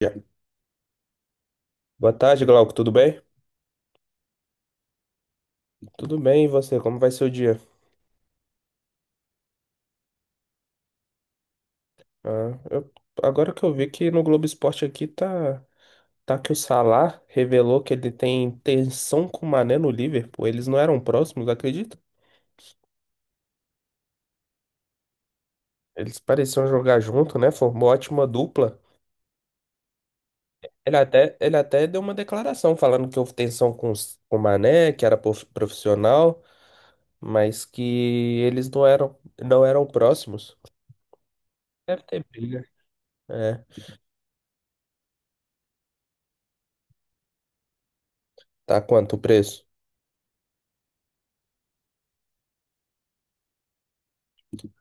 Já. Boa tarde, Glauco. Tudo bem? Tudo bem, e você? Como vai ser o dia? Ah, eu- Agora que eu vi que no Globo Esporte aqui tá que o Salah revelou que ele tem tensão com o Mané no Liverpool. Eles não eram próximos, acredita? Eles pareciam jogar junto, né? Formou ótima dupla. Ele até deu uma declaração falando que houve tensão com o Mané, que era profissional, mas que eles não eram, não eram próximos. Deve ter briga. É. Tá quanto o preço?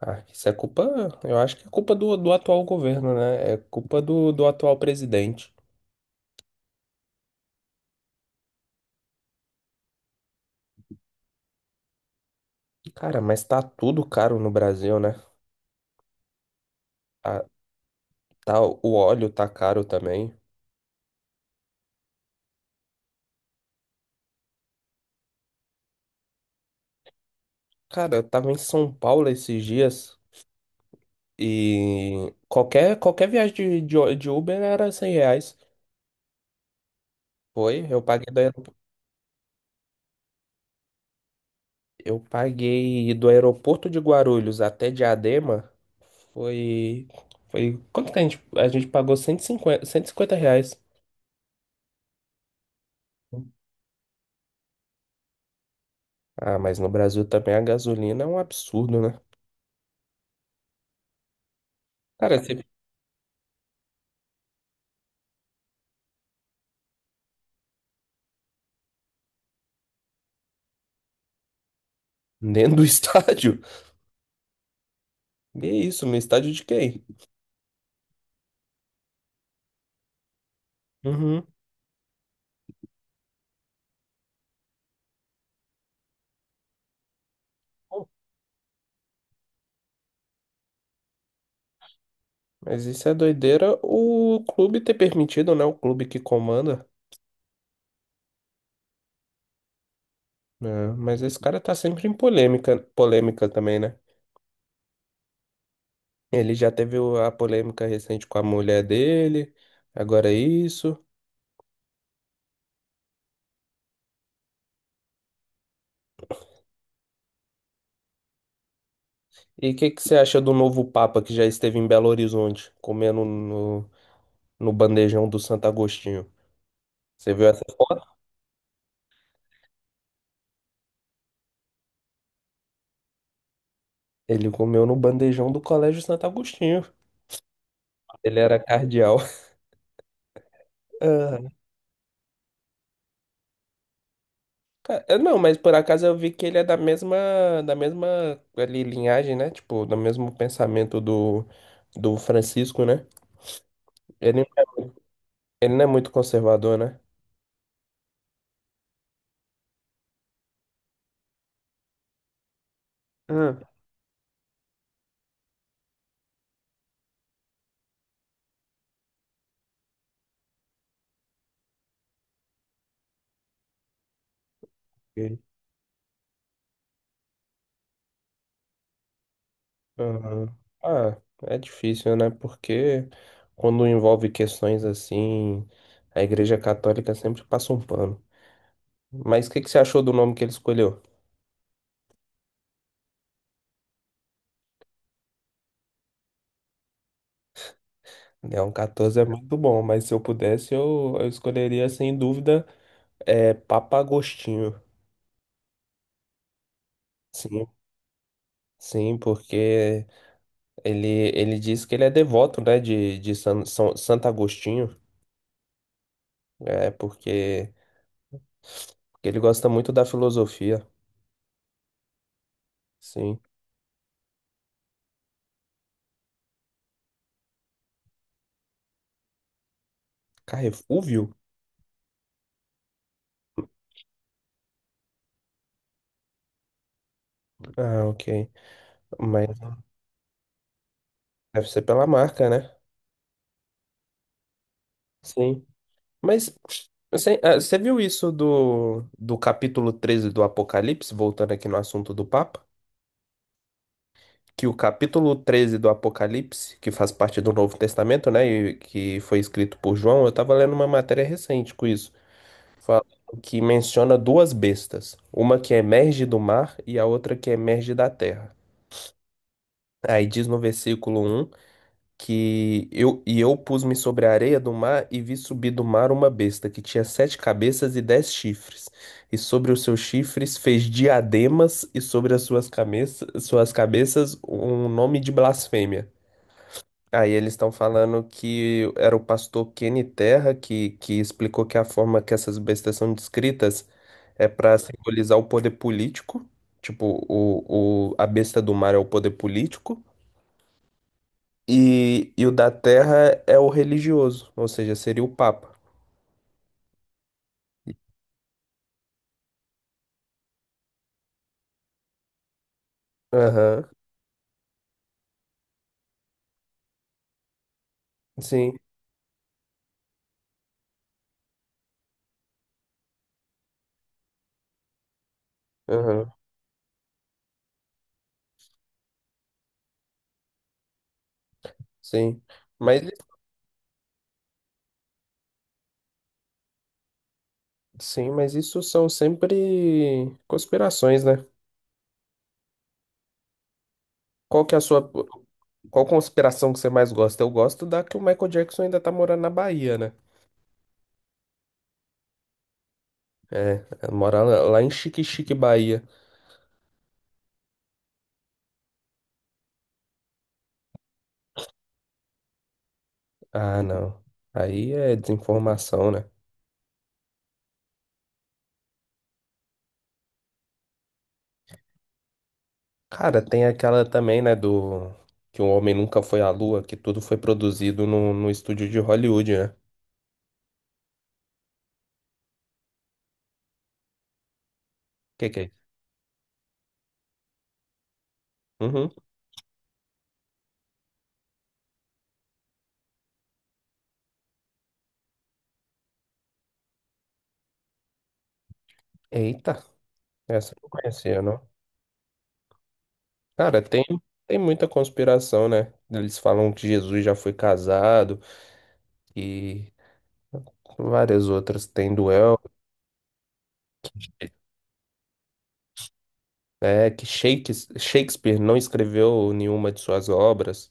Ah, isso é culpa, eu acho que é culpa do atual governo, né? É culpa do atual presidente. Cara, mas tá tudo caro no Brasil, né? Tá, o óleo tá caro também. Cara, eu tava em São Paulo esses dias e qualquer viagem de Uber era R$ 100. Foi, eu paguei do, aerop- Eu paguei do aeroporto de Guarulhos até Diadema. Foi, Quanto que a gente pagou R$ 150. Ah, mas no Brasil também a gasolina é um absurdo, né? Cara, você... dentro do estádio? E é isso, no estádio de quem? Uhum. Pô, mas isso é doideira o clube ter permitido, né? O clube que comanda. Né? Mas esse cara tá sempre em polêmica também, né? Ele já teve a polêmica recente com a mulher dele, agora é isso. E o que que você acha do novo Papa que já esteve em Belo Horizonte, comendo no bandejão do Santo Agostinho? Você viu essa foto? Ele comeu no bandejão do Colégio Santo Agostinho. Ele era cardeal. Ah, ca- eu não, Mas por acaso eu vi que ele é da mesma ali, linhagem, né? Tipo, do mesmo pensamento do Francisco, né? Ele, ele não é muito conservador, né? Ah, ok. Aham. Ah, É difícil, né? Porque quando envolve questões assim, a Igreja Católica sempre passa um pano. Mas o que que você achou do nome que ele escolheu? É, um 14 é muito bom, mas se eu pudesse, eu escolheria sem dúvida é, Papa Agostinho. Sim, sim, porque ele diz que ele é devoto, né, de Santo Agostinho, é, porque ele gosta muito da filosofia, sim. Carrefúvio? Ah, ok. Mas deve ser pela marca, né? Sim. Mas você viu isso do capítulo 13 do Apocalipse, voltando aqui no assunto do Papa? Que o capítulo 13 do Apocalipse, que faz parte do Novo Testamento, né, e que foi escrito por João, eu estava lendo uma matéria recente com isso, falando que menciona duas bestas, uma que emerge do mar e a outra que emerge da terra. Aí diz no versículo um que eu pus-me sobre a areia do mar e vi subir do mar uma besta que tinha 7 cabeças e 10 chifres, e sobre os seus chifres fez diademas e sobre as suas cabeças, um nome de blasfêmia. Aí eles estão falando que era o pastor Kenny Terra que explicou que a forma que essas bestas são descritas é para simbolizar o poder político, tipo, a besta do mar é o poder político, e o da terra é o religioso, ou seja, seria o Papa. Aham, sim, aham, sim. Mas, sim, mas isso são sempre conspirações, né? Qual que é a sua. Qual conspiração que você mais gosta? Eu gosto da que o Michael Jackson ainda tá morando na Bahia, né? É, mora lá em Xique-Xique, Bahia. Ah, não. Aí é desinformação, né? Cara, tem aquela também, né, do... Que o homem nunca foi à lua, que tudo foi produzido no estúdio de Hollywood, né? Que é isso? Uhum. Eita, essa eu não conhecia, não. Cara, tem muita conspiração, né? Eles falam que Jesus já foi casado e várias outras. Tem duelo. É que Shakespeare não escreveu nenhuma de suas obras,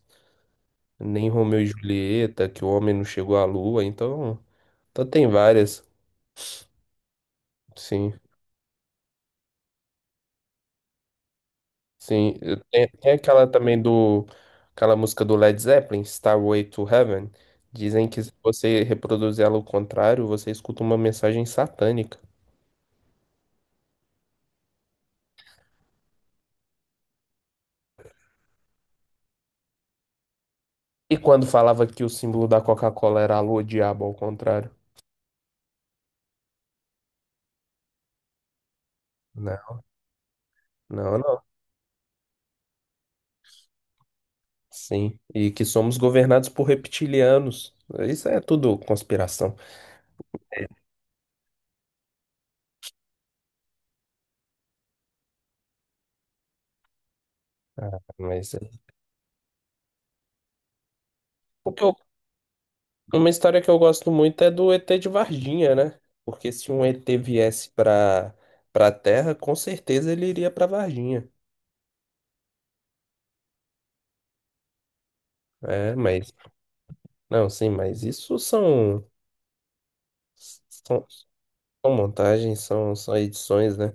nem Romeu e Julieta, que o homem não chegou à lua, então, então tem várias, sim, sim. Tem, aquela música do Led Zeppelin, Starway to Heaven, dizem que se você reproduzir ela ao contrário, você escuta uma mensagem satânica. E quando falava que o símbolo da Coca-Cola era a lua, o diabo ao contrário? Não, não, não. Sim, e que somos governados por reptilianos. Isso é tudo conspiração. Mas é. O que eu- uma história que eu gosto muito é do ET de Varginha, né? Porque se um ET viesse para Terra, com certeza ele iria para Varginha. É, mas não, sim, mas isso são, são montagens, são edições, né?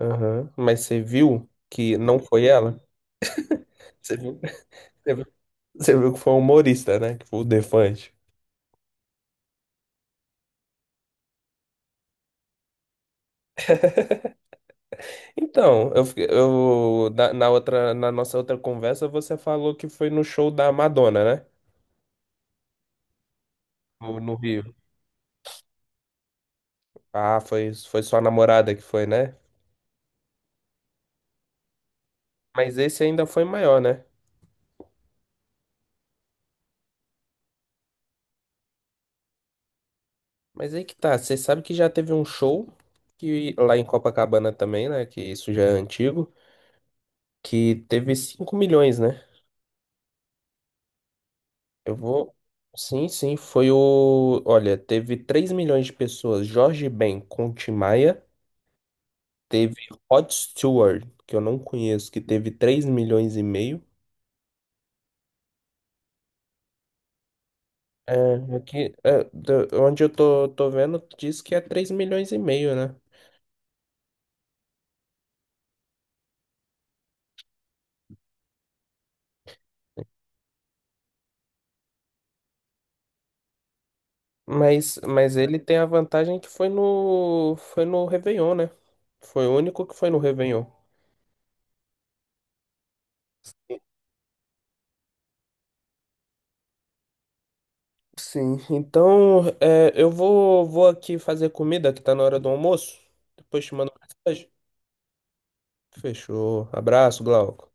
Aham. Mas você viu que não foi ela? Você viu, você viu você viu que foi um humorista, né? Que foi o Defante. Então, eu, fiquei- eu na, na outra, na nossa outra conversa, você falou que foi no show da Madonna, né? No Rio. Ah, foi, foi sua namorada que foi, né? Mas esse ainda foi maior, né? Mas aí que tá, você sabe que já teve um show que lá em Copacabana também, né? Que isso já é antigo, que teve 5 milhões, né? Eu vou. Sim, sim, foi o. Olha, teve 3 milhões de pessoas. Jorge Ben com Tim Maia. Teve Rod Stewart, que eu não conheço, que teve 3,5 milhões. É, aqui, é, onde eu tô, tô vendo, diz que é 3,5 milhões, né? Mas ele tem a vantagem que foi foi no Réveillon, né? Foi o único que foi no Réveillon. Sim, então é, vou aqui fazer comida, que tá na hora do almoço. Depois te mando mensagem. Fechou. Abraço, Glauco.